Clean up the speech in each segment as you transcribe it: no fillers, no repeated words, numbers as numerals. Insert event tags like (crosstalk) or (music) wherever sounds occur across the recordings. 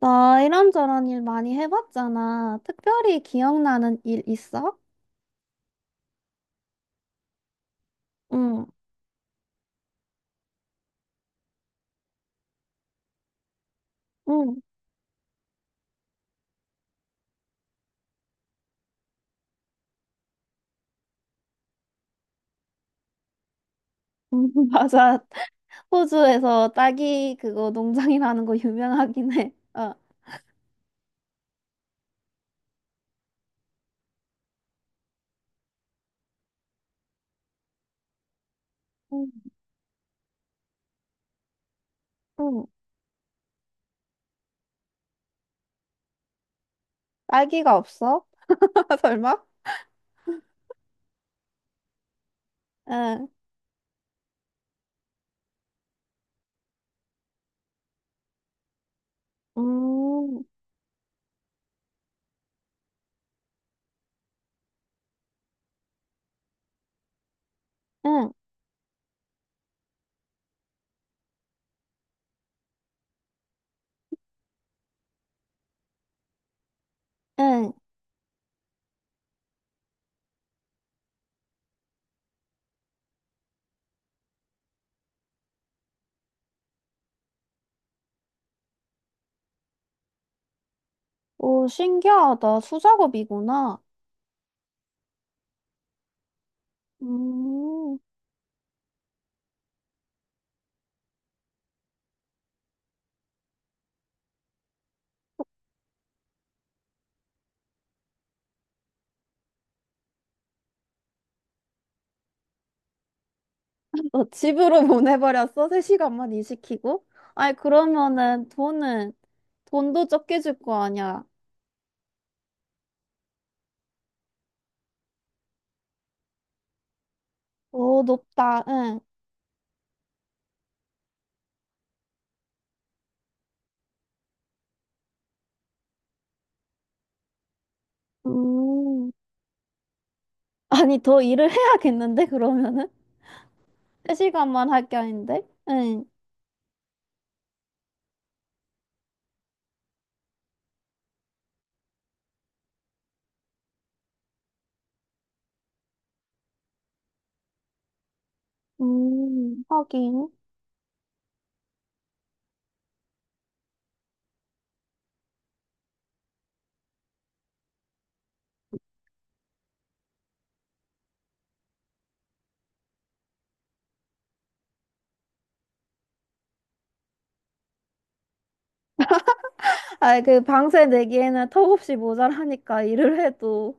나 이런저런 일 많이 해봤잖아. 특별히 기억나는 일 있어? 응, 응. (laughs) 맞아. 호주에서 딸기 그거 농장이라는 거 유명하긴 해. 어. 응, 응. 딸기가 없어? (laughs) 설마? 응. 음, 응, 응. 오, 신기하다. 수작업이구나. 음, 너 집으로 (laughs) 보내버렸어? 3시간만 일시키고? 아니, 그러면은 돈은, 돈도 적게 줄 거 아니야. 오, 높다. 응. 음. 아니, 더 일을 (laughs) 해야겠는데, 그러면은? 세 시간만 할 게 아닌데? 응. 하긴. 아, 그 방세 내기에는 턱없이 모자라니까, 일을 해도.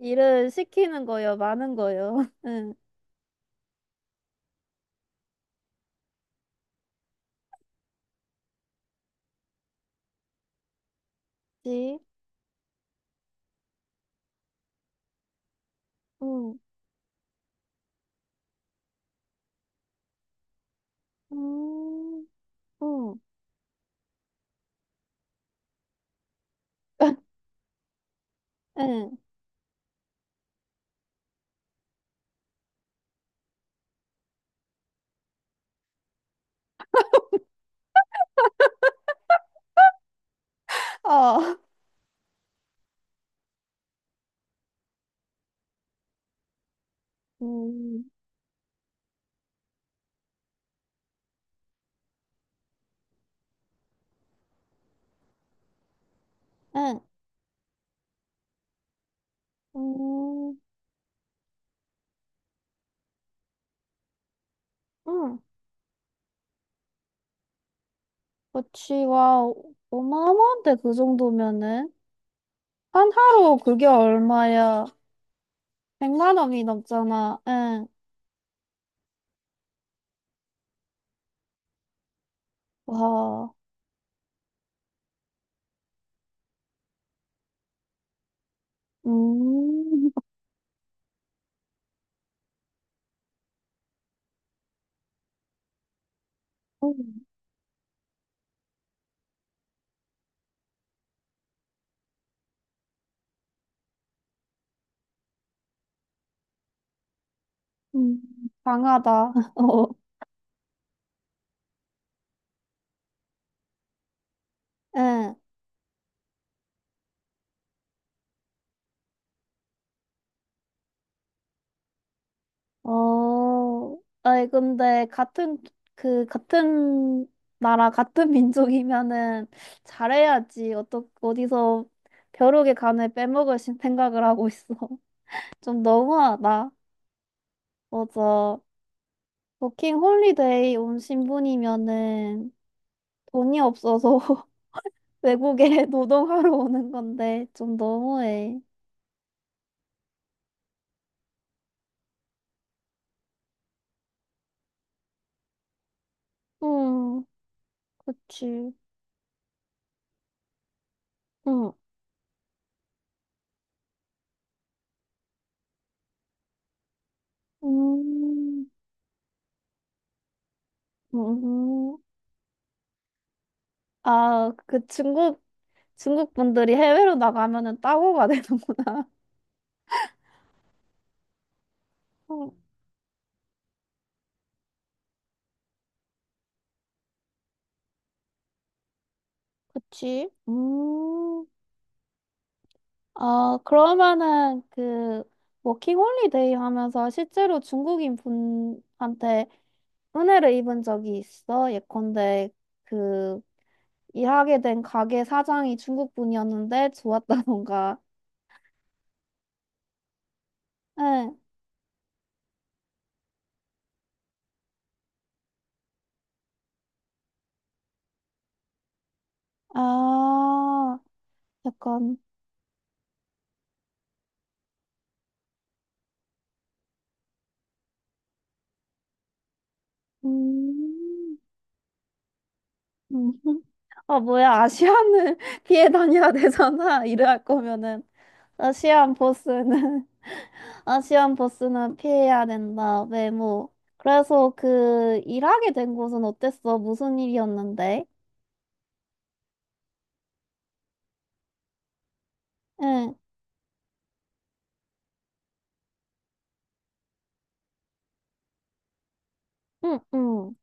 일을 시키는 거요, 많은 거요. (laughs) 응. 그치? 응. 음, 응. 응. 어. 음, 응. 음, 응. 그치, 와, 어마어마한데, 그 정도면은? 한 하루 그게 얼마야? 백만 원이 넘잖아. 응. 와. 음. (laughs) 음. 강하다. (laughs) 어. 응. 어. 아니 근데 같은 그 같은 나라 같은 민족이면은 잘해야지. 어떻 어디서 벼룩의 간을 빼먹을 생각을 하고 있어. (laughs) 좀 너무하다. 맞아. 워킹 홀리데이 온 신분이면은 돈이 없어서 (laughs) 외국에 (laughs) 노동하러 오는 건데 좀 너무해. 응, 그치. 응, 음, 음. 아, 그 중국, 중국 분들이 해외로 나가면은 따고가 (laughs) 되는구나. 응, 그치. 아, 그러면은 그 워킹홀리데이 하면서 실제로 중국인 분한테 은혜를 입은 적이 있어? 예컨대 그 일하게 된 가게 사장이 중국 분이었는데 좋았다던가 응. 아, 약간, 음, 음. (laughs) 아, 뭐야, 아시안을 (laughs) 피해 다녀야 되잖아. (laughs) 이럴 거면은. 아시안 보스는, (laughs) 아시안 보스는 피해야 된다. 외모. 그래서 그, 일하게 된 곳은 어땠어? 무슨 일이었는데? 응, 응, 응.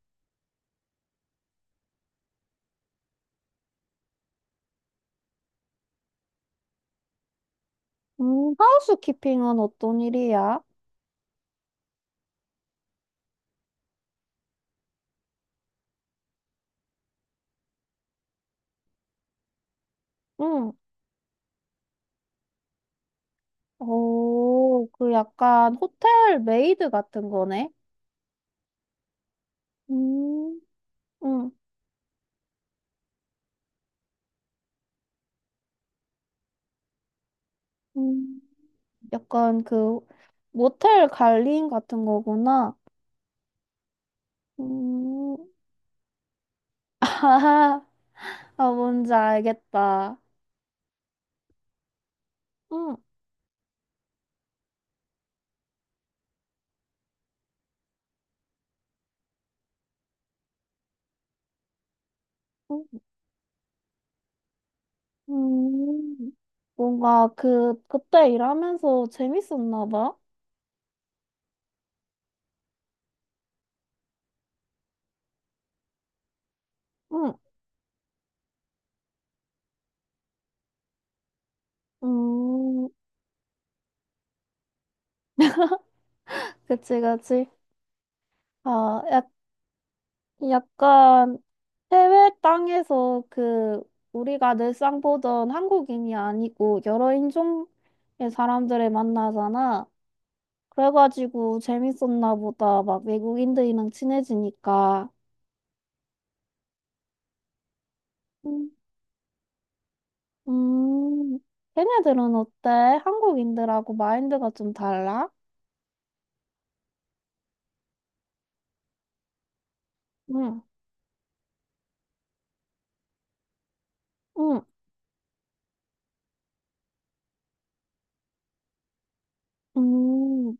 하우스키핑은 어떤 일이야? 응. 오, 그 약간 호텔 메이드 같은 거네? 음, 응. 응 약간 그 모텔 관리인 같은 거구나. 음, (laughs) 아, 아, 뭔지 알겠다. 응, 응. 음, 뭔가 그 그때 일하면서 재밌었나 봐. 응, 음, 그치, 그치. 아, 약, 약간 해외 땅에서 그 우리가 늘상 보던 한국인이 아니고 여러 인종의 사람들을 만나잖아. 그래가지고 재밌었나 보다. 막 외국인들이랑 친해지니까. 음. 음, 걔네들은 어때? 한국인들하고 마인드가 좀 달라? 응, 응, 음.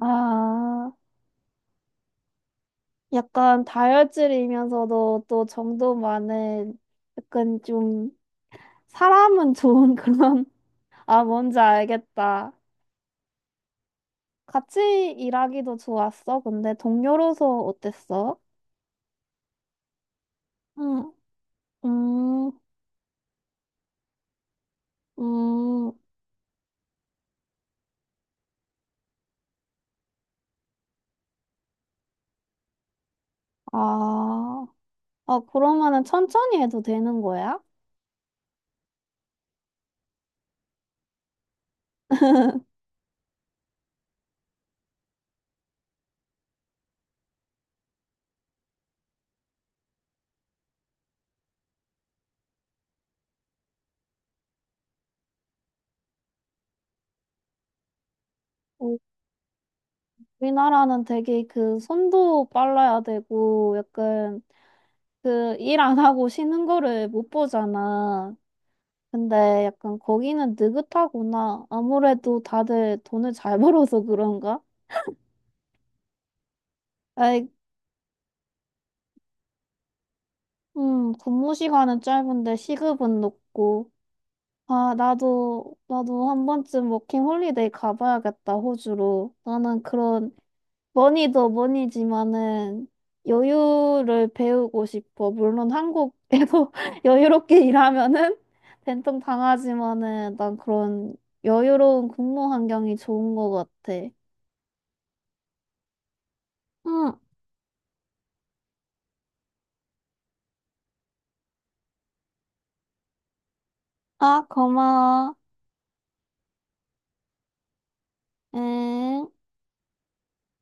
아, 약간 다혈질이면서도 또 정도 많은 약간 좀 사람은 좋은 그런, (laughs) 아, 뭔지 알겠다. 같이 일하기도 좋았어. 근데 동료로서 어땠어? 응, 음, 음. 아, 아, 그러면은 천천히 해도 되는 거야? 어, 우리나라는 되게 그 손도 빨라야 되고 약간 그 일 안 하고 쉬는 거를 못 보잖아. 근데 약간 거기는 느긋하구나. 아무래도 다들 돈을 잘 (laughs) 벌어서 그런가? 아이, 근무 시간은 짧은데 시급은 높고. 아, 나도, 나도 한 번쯤 워킹 홀리데이 가봐야겠다, 호주로. 나는 그런 머니도 머니지만은 여유를 배우고 싶어. 물론 한국에도 (laughs) 여유롭게 일하면은 된통 당하지만은 난 그런 여유로운 근무 환경이 좋은 것 같아. 응. 아, 고마워. 응.